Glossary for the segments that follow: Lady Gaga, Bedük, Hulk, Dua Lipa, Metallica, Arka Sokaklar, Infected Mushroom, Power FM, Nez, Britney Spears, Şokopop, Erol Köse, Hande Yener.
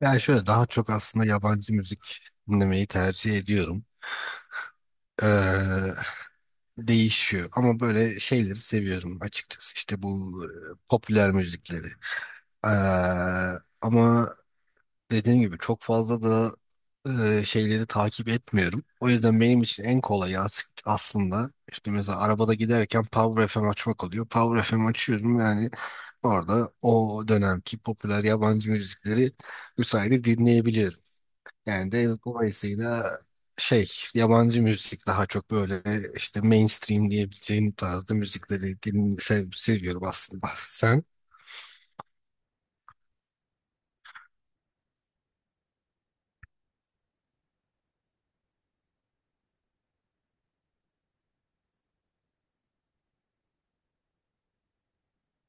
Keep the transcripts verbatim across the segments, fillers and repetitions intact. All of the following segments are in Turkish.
Yani şöyle daha çok aslında yabancı müzik dinlemeyi tercih ediyorum. Ee, değişiyor ama böyle şeyleri seviyorum açıkçası işte bu e, popüler müzikleri. Ee, ama dediğim gibi çok fazla da e, şeyleri takip etmiyorum. O yüzden benim için en kolayı as- aslında işte mesela arabada giderken Power F M açmak oluyor. Power F M açıyorum yani orada o dönemki popüler yabancı müzikleri bu sayede dinleyebiliyorum. Yani de dolayısıyla şey yabancı müzik daha çok böyle işte mainstream diyebileceğim tarzda müzikleri din, sev- seviyorum aslında. Sen?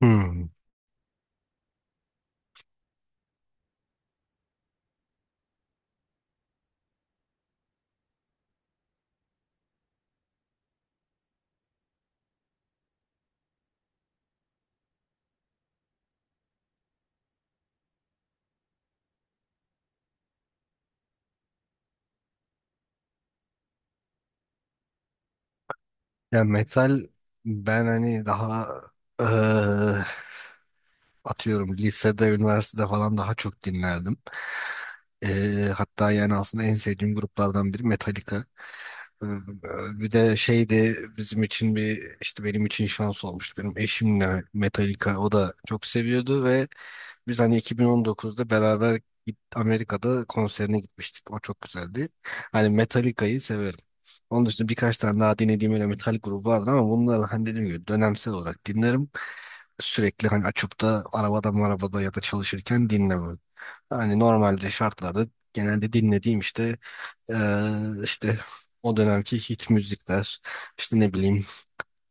Hmm. Yani metal ben hani daha eee, atıyorum lisede, üniversitede falan daha çok dinlerdim. Eee, hatta yani aslında en sevdiğim gruplardan biri Metallica. Ee, Bir de şeydi bizim için bir işte benim için şans olmuştu. Benim eşimle Metallica o da çok seviyordu ve biz hani iki bin on dokuzda beraber git- Amerika'da konserine gitmiştik. O çok güzeldi. Hani Metallica'yı severim. Onun dışında birkaç tane daha dinlediğim öyle metal grubu vardı ama bunları hani dediğim gibi dönemsel olarak dinlerim. Sürekli hani açıp da arabada marabada ya da çalışırken dinlemem. Hani normalde şartlarda genelde dinlediğim işte ee, işte o dönemki hit müzikler işte ne bileyim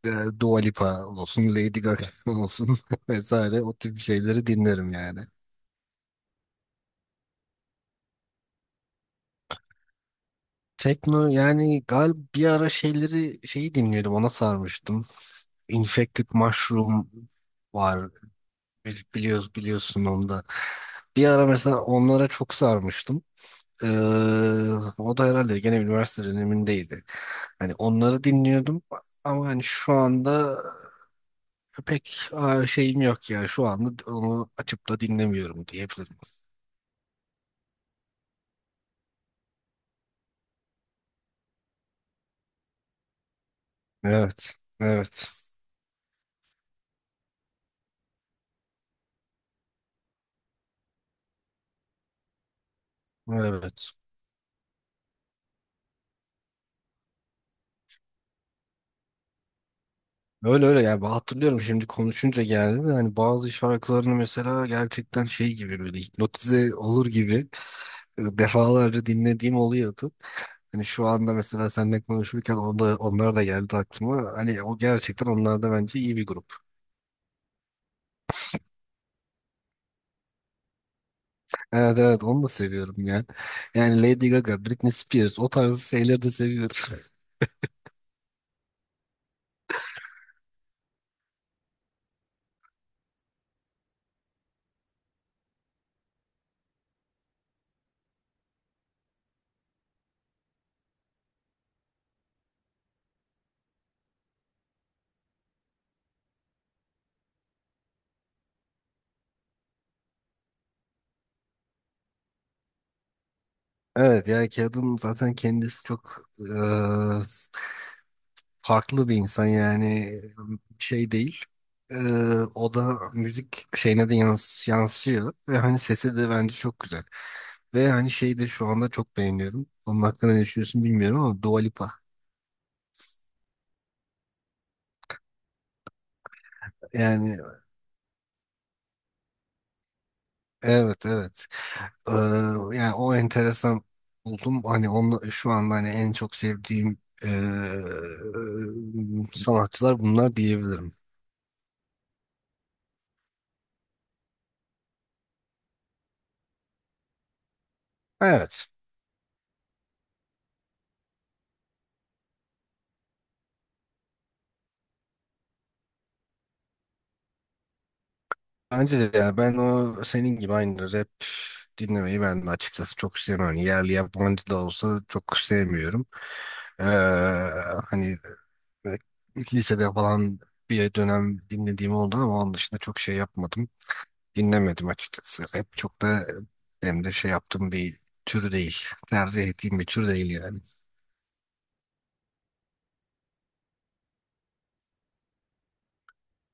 e, Dua Lipa olsun Lady Gaga olsun vesaire o tip şeyleri dinlerim yani. Tekno yani galiba bir ara şeyleri şeyi dinliyordum ona sarmıştım. Infected Mushroom var, Bil- biliyoruz biliyorsun onu da. Bir ara mesela onlara çok sarmıştım. Ee, o da herhalde gene üniversite dönemindeydi. Hani onları dinliyordum ama hani şu anda pek aa, şeyim yok yani şu anda onu açıp da dinlemiyorum diyebilirim. Evet, evet, evet. Öyle öyle yani ben hatırlıyorum şimdi konuşunca geldi de hani bazı şarkılarını mesela gerçekten şey gibi böyle hipnotize olur gibi e, defalarca dinlediğim oluyordu. Hani şu anda mesela seninle konuşurken onda, onlar da geldi aklıma. Hani o gerçekten onlar da bence iyi bir grup. Evet evet onu da seviyorum ya. Yani Lady Gaga, Britney Spears o tarz şeyleri de seviyorum. Evet ya kadın zaten kendisi çok eee, farklı bir insan yani şey değil. Eee, o da müzik şeyine de yans yansıyor ve hani sesi de bence çok güzel. Ve hani şeyi de şu anda çok beğeniyorum. Onun hakkında ne düşünüyorsun bilmiyorum ama Dua Lipa. Yani evet evet. Eee, yani o enteresan buldum. Hani onu şu anda hani en çok sevdiğim eee, sanatçılar bunlar diyebilirim. Evet. Bence de ya ben o senin gibi aynı rap dinlemeyi ben de açıkçası çok sevmem. Hani yerli yabancı da olsa çok sevmiyorum. Ee, hani böyle lisede falan bir dönem dinlediğim oldu ama onun dışında çok şey yapmadım. Dinlemedim açıkçası. Rap çok da hem de şey yaptığım bir tür değil. Tercih ettiğim bir tür değil yani.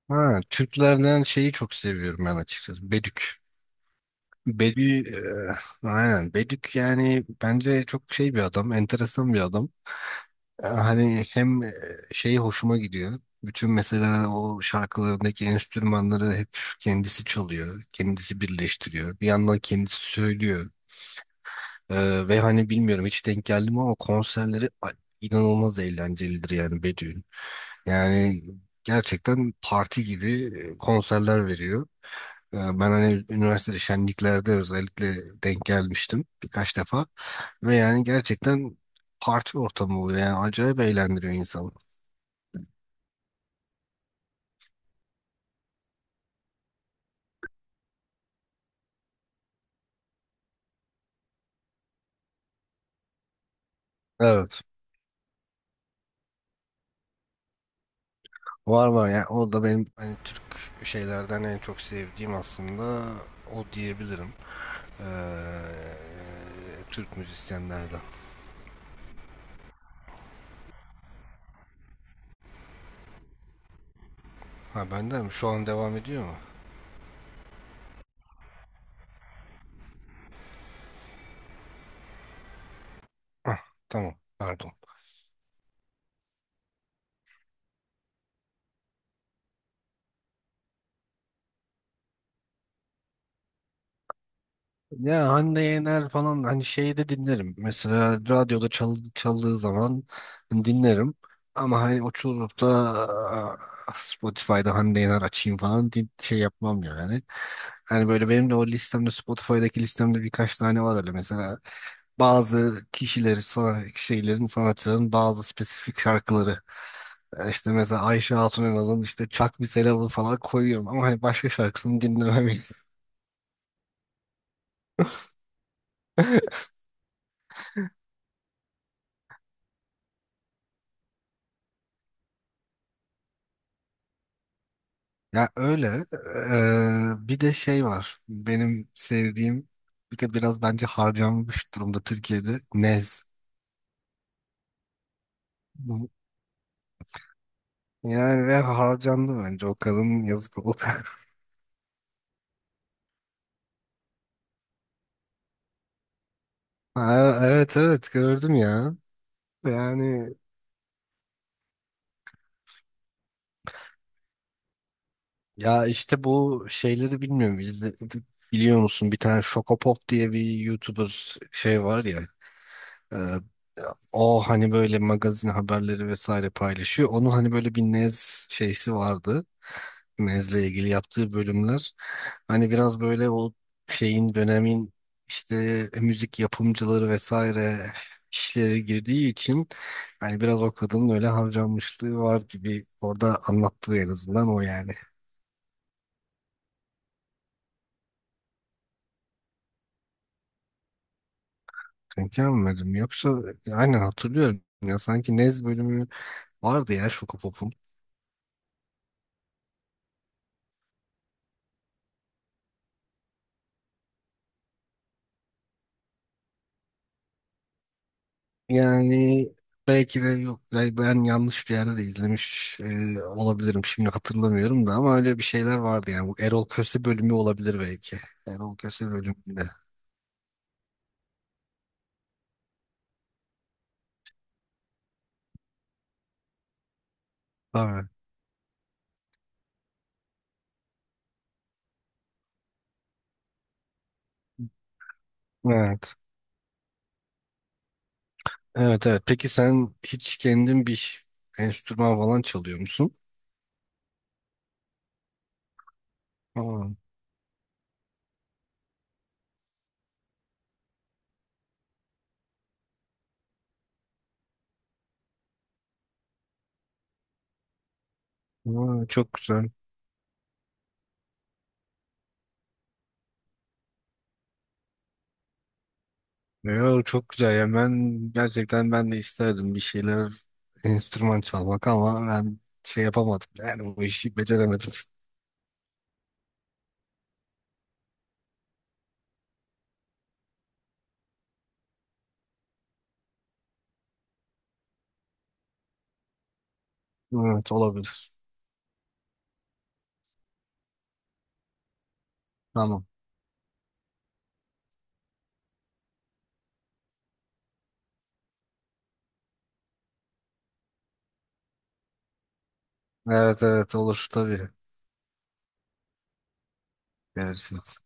Ha, Türklerden şeyi çok seviyorum ben açıkçası. Bedük. Bedü, eee, aynen Bedük yani bence çok şey bir adam, enteresan bir adam. Ee, Hani hem eee, şeyi hoşuma gidiyor. Bütün mesela o şarkılarındaki enstrümanları hep kendisi çalıyor, kendisi birleştiriyor. Bir yandan kendisi söylüyor. Ee, ve hani bilmiyorum hiç denk geldi mi ama konserleri a- inanılmaz eğlencelidir yani Bedü'nün. Yani gerçekten parti gibi e, konserler veriyor. Ee, ben hani üniversitede şenliklerde özellikle denk gelmiştim birkaç defa. Ve yani gerçekten parti ortamı oluyor yani acayip eğlendiriyor insanı. Evet. Var var yani o da benim hani Türk şeylerden en çok sevdiğim aslında o diyebilirim. Ee, Türk müzisyenlerden. Ha, bende mi? Şu an devam ediyor mu? Hah, tamam. Pardon. Ya Hande Yener falan hani şeyi de dinlerim. Mesela radyoda çal çaldığı zaman dinlerim. Ama hani oturup da aa, Spotify'da Hande Yener açayım falan di- şey yapmam yani. Hani böyle benim de o listemde Spotify'daki listemde birkaç tane var öyle mesela. Bazı kişileri, sana- şeylerin, sanatçıların bazı spesifik şarkıları. E, İşte mesela Ayşe Hatun Eral'ın işte Çak Bir Selam'ı falan koyuyorum ama hani başka şarkısını dinlemem. Ya öyle. Ee, bir de şey var. Benim sevdiğim bir de biraz bence harcanmış durumda Türkiye'de Nez. Bu- Yani ve harcandı bence o kadın yazık oldu. Ha, evet evet gördüm ya. Yani ya işte bu şeyleri bilmiyorum. İzle, biliyor musun? Bir tane Şokopop diye bir YouTuber şey var ya. e, O hani böyle magazin haberleri vesaire paylaşıyor. Onun hani böyle bir Nez şeysi vardı. Nez'le ilgili yaptığı bölümler. Hani biraz böyle o şeyin dönemin işte müzik yapımcıları vesaire işlere girdiği için hani biraz o kadının öyle harcanmışlığı var gibi orada anlattığı en azından o yani. Denk gelmedim. Yoksa aynen hatırlıyorum. Ya sanki Nez bölümü vardı ya Şokopop'un. Yani belki de yok. Yani ben yanlış bir yerde de izlemiş e, olabilirim. Şimdi hatırlamıyorum da ama öyle bir şeyler vardı yani. Bu Erol Köse bölümü olabilir belki. Erol Köse bölümünde. Tabii. Evet. Evet evet. Peki sen hiç kendin bir enstrüman falan çalıyor musun? Aa, aa, çok güzel. Ya çok güzel ya ben gerçekten ben de isterdim bir şeyler enstrüman çalmak ama ben şey yapamadım yani bu işi beceremedim. Evet olabilir. Tamam. Evet evet olur tabii. Görüşürüz.